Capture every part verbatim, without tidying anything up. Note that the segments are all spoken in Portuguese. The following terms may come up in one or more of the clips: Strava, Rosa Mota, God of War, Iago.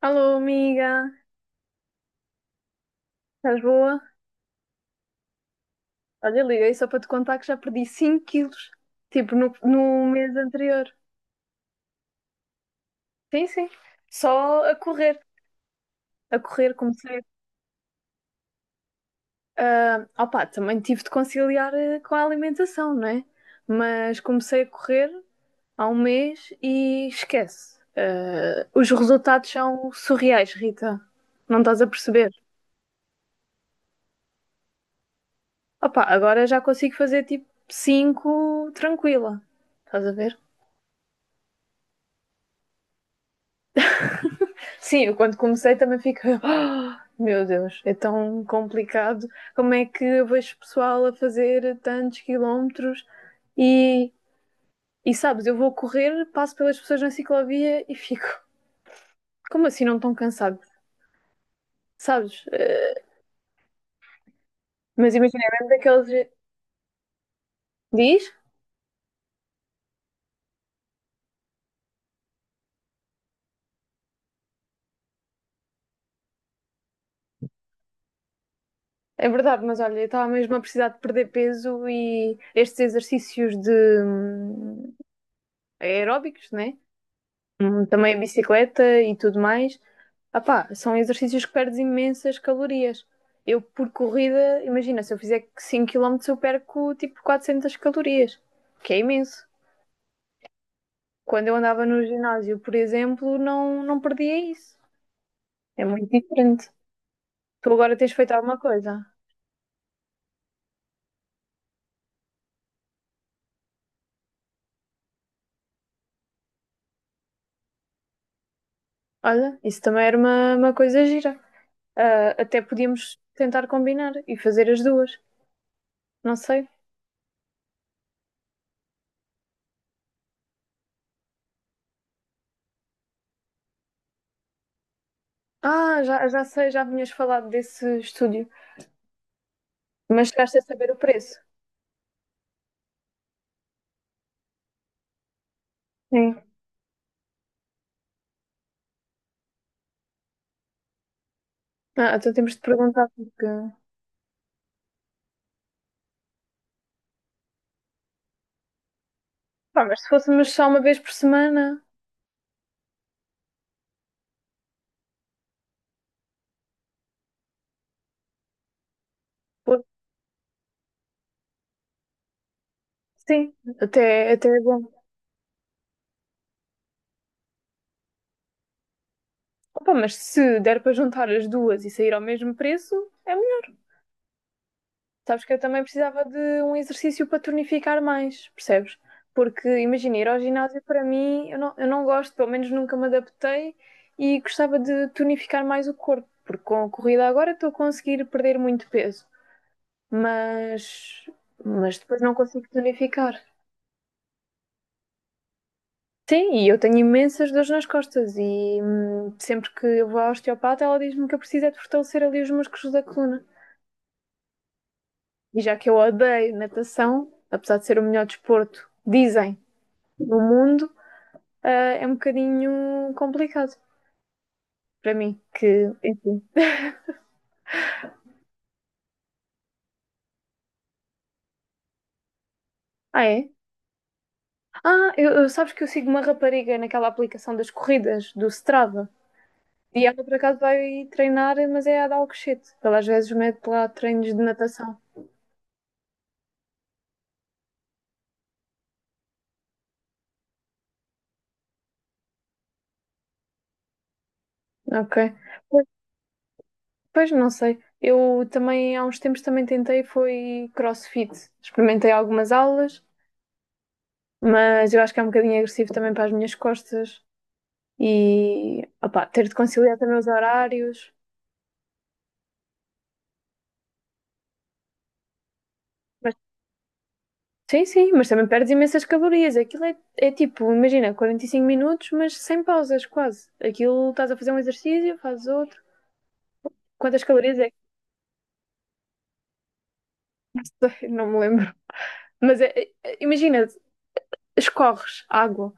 Alô, amiga, estás boa? Olha, liguei só para te contar que já perdi cinco quilos, tipo no, no mês anterior. Sim, sim, só a correr. A correr comecei. ah, opá, também tive de conciliar eh, com a alimentação, não é? Mas comecei a correr há um mês e esquece. Ah, os resultados são surreais, Rita. Não estás a perceber? Opá, agora já consigo fazer tipo cinco tranquila. Estás a ver? Sim, eu quando comecei também fico. Meu Deus, é tão complicado. Como é que eu vejo pessoal a fazer tantos quilómetros e, e sabes, eu vou correr, passo pelas pessoas na ciclovia e fico. Como assim não tão cansado? Sabes? Eh, mas imagina, é mesmo daqueles. Diz? É verdade, mas olha, eu estava mesmo a precisar de perder peso e estes exercícios de hum, aeróbicos, né? Hum, Também a bicicleta e tudo mais. Ah pá, são exercícios que perdes imensas calorias. Eu, por corrida, imagina, se eu fizer cinco quilómetros, eu perco tipo quatrocentas calorias, que é imenso. Quando eu andava no ginásio, por exemplo, não, não perdia isso. É muito diferente. Tu agora tens feito alguma coisa. Olha, isso também era uma, uma coisa gira. Ah, até podíamos tentar combinar e fazer as duas. Não sei. Ah, já, já sei, já vinhas falado desse estúdio. Mas chegaste a saber o preço. Sim. Ah, então temos de perguntar porque. Pá, mas se fôssemos só uma vez por semana, pô, sim, até, até é bom. Opa, mas se der para juntar as duas e sair ao mesmo preço, é melhor. Sabes que eu também precisava de um exercício para tonificar mais, percebes? Porque imagina, ir ao ginásio para mim, eu não, eu não gosto, pelo menos nunca me adaptei e gostava de tonificar mais o corpo, porque com a corrida agora estou a conseguir perder muito peso, mas, mas depois não consigo tonificar. Sim, e eu tenho imensas dores nas costas e hum, sempre que eu vou ao osteopata ela diz-me que eu preciso é de fortalecer ali os músculos da coluna. E já que eu odeio natação, apesar de ser o melhor desporto, dizem, no mundo, ah, é um bocadinho complicado para mim, que, enfim. Ah, é? Ah, eu, eu- sabes que eu sigo uma rapariga naquela aplicação das corridas, do Strava, e ela por acaso vai treinar, mas é a dar o cochete. Ela às vezes mete lá treinos de natação. Ok. Pois não sei. Eu também há uns tempos também tentei foi CrossFit. Experimentei algumas aulas, mas eu acho que é um bocadinho agressivo também para as minhas costas e opá, ter de conciliar também os horários. Mas sim, sim, mas também perdes imensas calorias. Aquilo é, é tipo, imagina, quarenta e cinco minutos, mas sem pausas, quase. Aquilo estás a fazer um exercício, fazes outro. Quantas calorias é que não me lembro. Mas é- é- imagina, escorres água,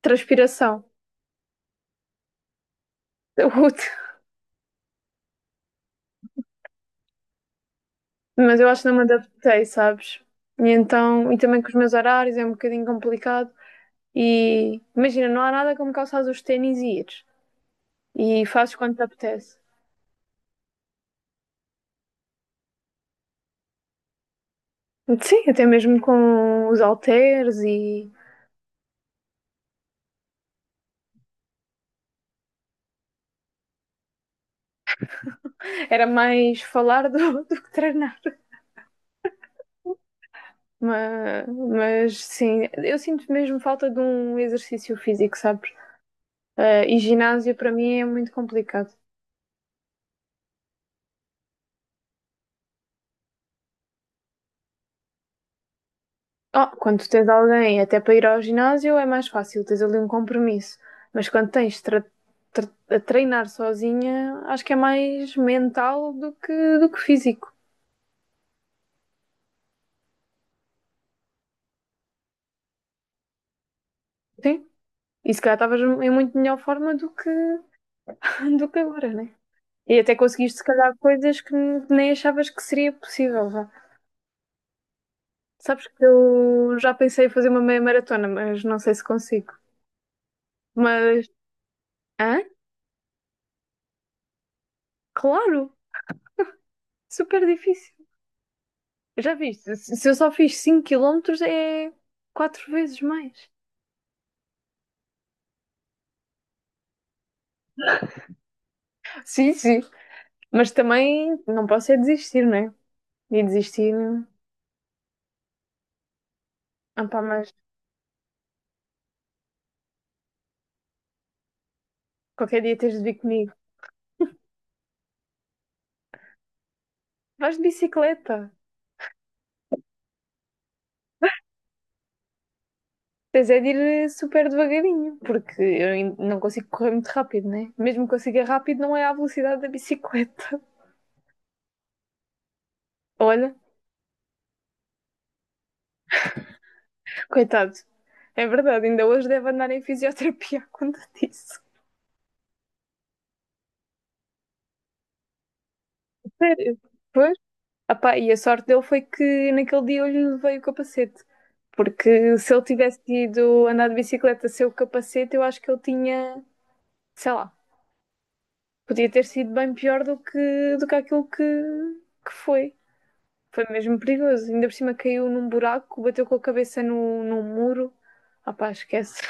transpiração. Mas eu acho que não me adaptei, sabes? E então, e também com os meus horários é um bocadinho complicado. E imagina, não há nada como calçar os ténis e ires. E fazes quando te apetece. Sim, até mesmo com os halteres e era mais falar do, do que treinar. Mas, mas sim, eu sinto mesmo falta de um exercício físico, sabes? Eh, e ginásio para mim é muito complicado. Oh, quando tens alguém até para ir ao ginásio é mais fácil, tens ali um compromisso. Mas quando tens de tra- tra- a treinar sozinha, acho que é mais mental do que, do que físico. Sim? E se calhar estavas em muito melhor forma do que, do que agora, né? E até conseguiste, se calhar, coisas que n- nem achavas que seria possível. Vá. Sabes que eu já pensei em fazer uma meia maratona, mas não sei se consigo. Mas, hã? Claro, super difícil. Já viste? Se se eu só fiz cinco quilómetros é quatro vezes mais. Sim, sim. Mas também não posso é desistir, não é? E desistir. Ah, pá, mas qualquer dia tens de vir comigo. Vais de bicicleta. Tens é de ir eh, super devagarinho, porque eu ain- não consigo correr muito rápido, né? Mesmo que consiga rápido, não é à velocidade da bicicleta. Olha, coitado, é verdade, ainda hoje deve andar em fisioterapia quando disse. Sério? Pois. Ah pá, e a sorte dele foi que naquele dia eu lhe levei o capacete. Porque se ele tivesse ido andar de bicicleta sem o capacete, eu acho que ele tinha, sei lá, podia ter sido bem pior do que, do que, aquilo que, que foi. Foi mesmo perigoso. Ainda por cima caiu num buraco, bateu com a cabeça no, num muro. Ah pá, esquece.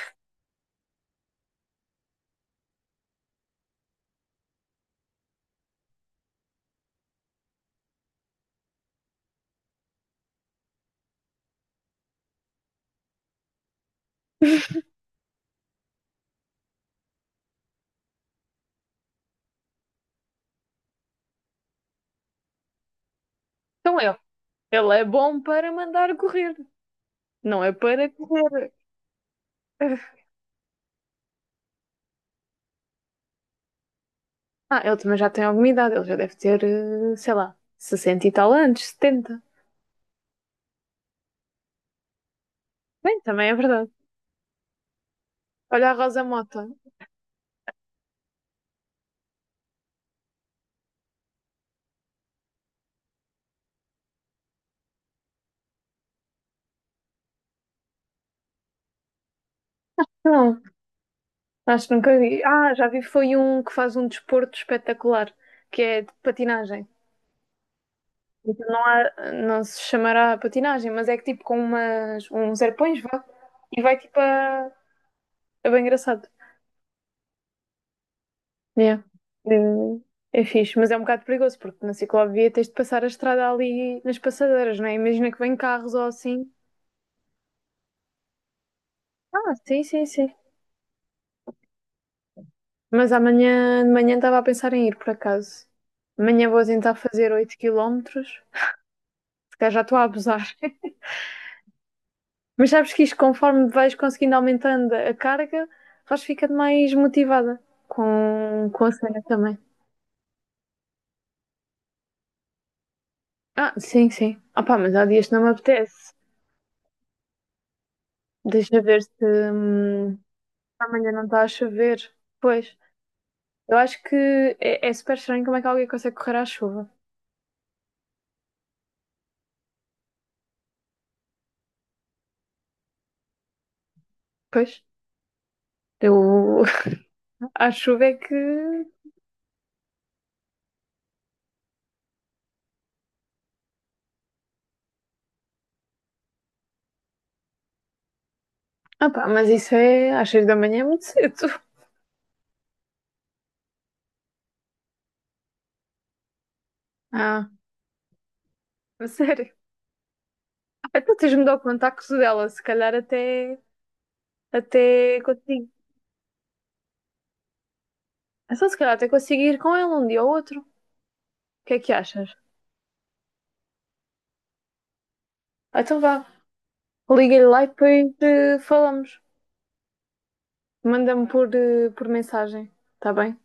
Então eu, ele é bom para mandar correr, não é para correr. Ah, ele também já tem alguma idade, ele já deve ter, eh, sei lá, sessenta e tal anos, setenta. Bem, também é verdade. Olha a Rosa Mota. Não, acho que nunca vi. Ah, já vi, foi um que faz um desporto espetacular, que é de patinagem. Então não há, não se chamará patinagem, mas é que tipo com umas, uns arpões, vá, e vai tipo a... É bem engraçado. Yeah. É, é fixe, mas é um bocado perigoso, porque na ciclovia tens de passar a estrada ali nas passadeiras, não é? Imagina que vem carros ou assim. Ah, sim, sim, sim. Mas amanhã de manhã estava a pensar em ir, por acaso. Amanhã vou tentar fazer oito quilómetros, porque já estou a abusar. Mas sabes que isto, conforme vais conseguindo aumentando a carga, vais ficando mais motivada com, com a cena também. Ah, sim, sim. Ah pá, mas há dias que não me apetece. Deixa ver se hum, amanhã não está a chover. Pois, eu acho que é, é super estranho como é que alguém consegue correr à chuva. Pois, eu... à chuva é que... Ah pá, mas isso é às seis da manhã é muito cedo. Ah, a sério. Ah, então tens-me de dar o contacto dela, se calhar até Até consigo. Então, se calhar até consigo ir com ele um dia ou outro. O que é que achas? Ah, então vá. Liga-lhe lá e depois eh, falamos. Manda-me por, eh, por mensagem. Está bem?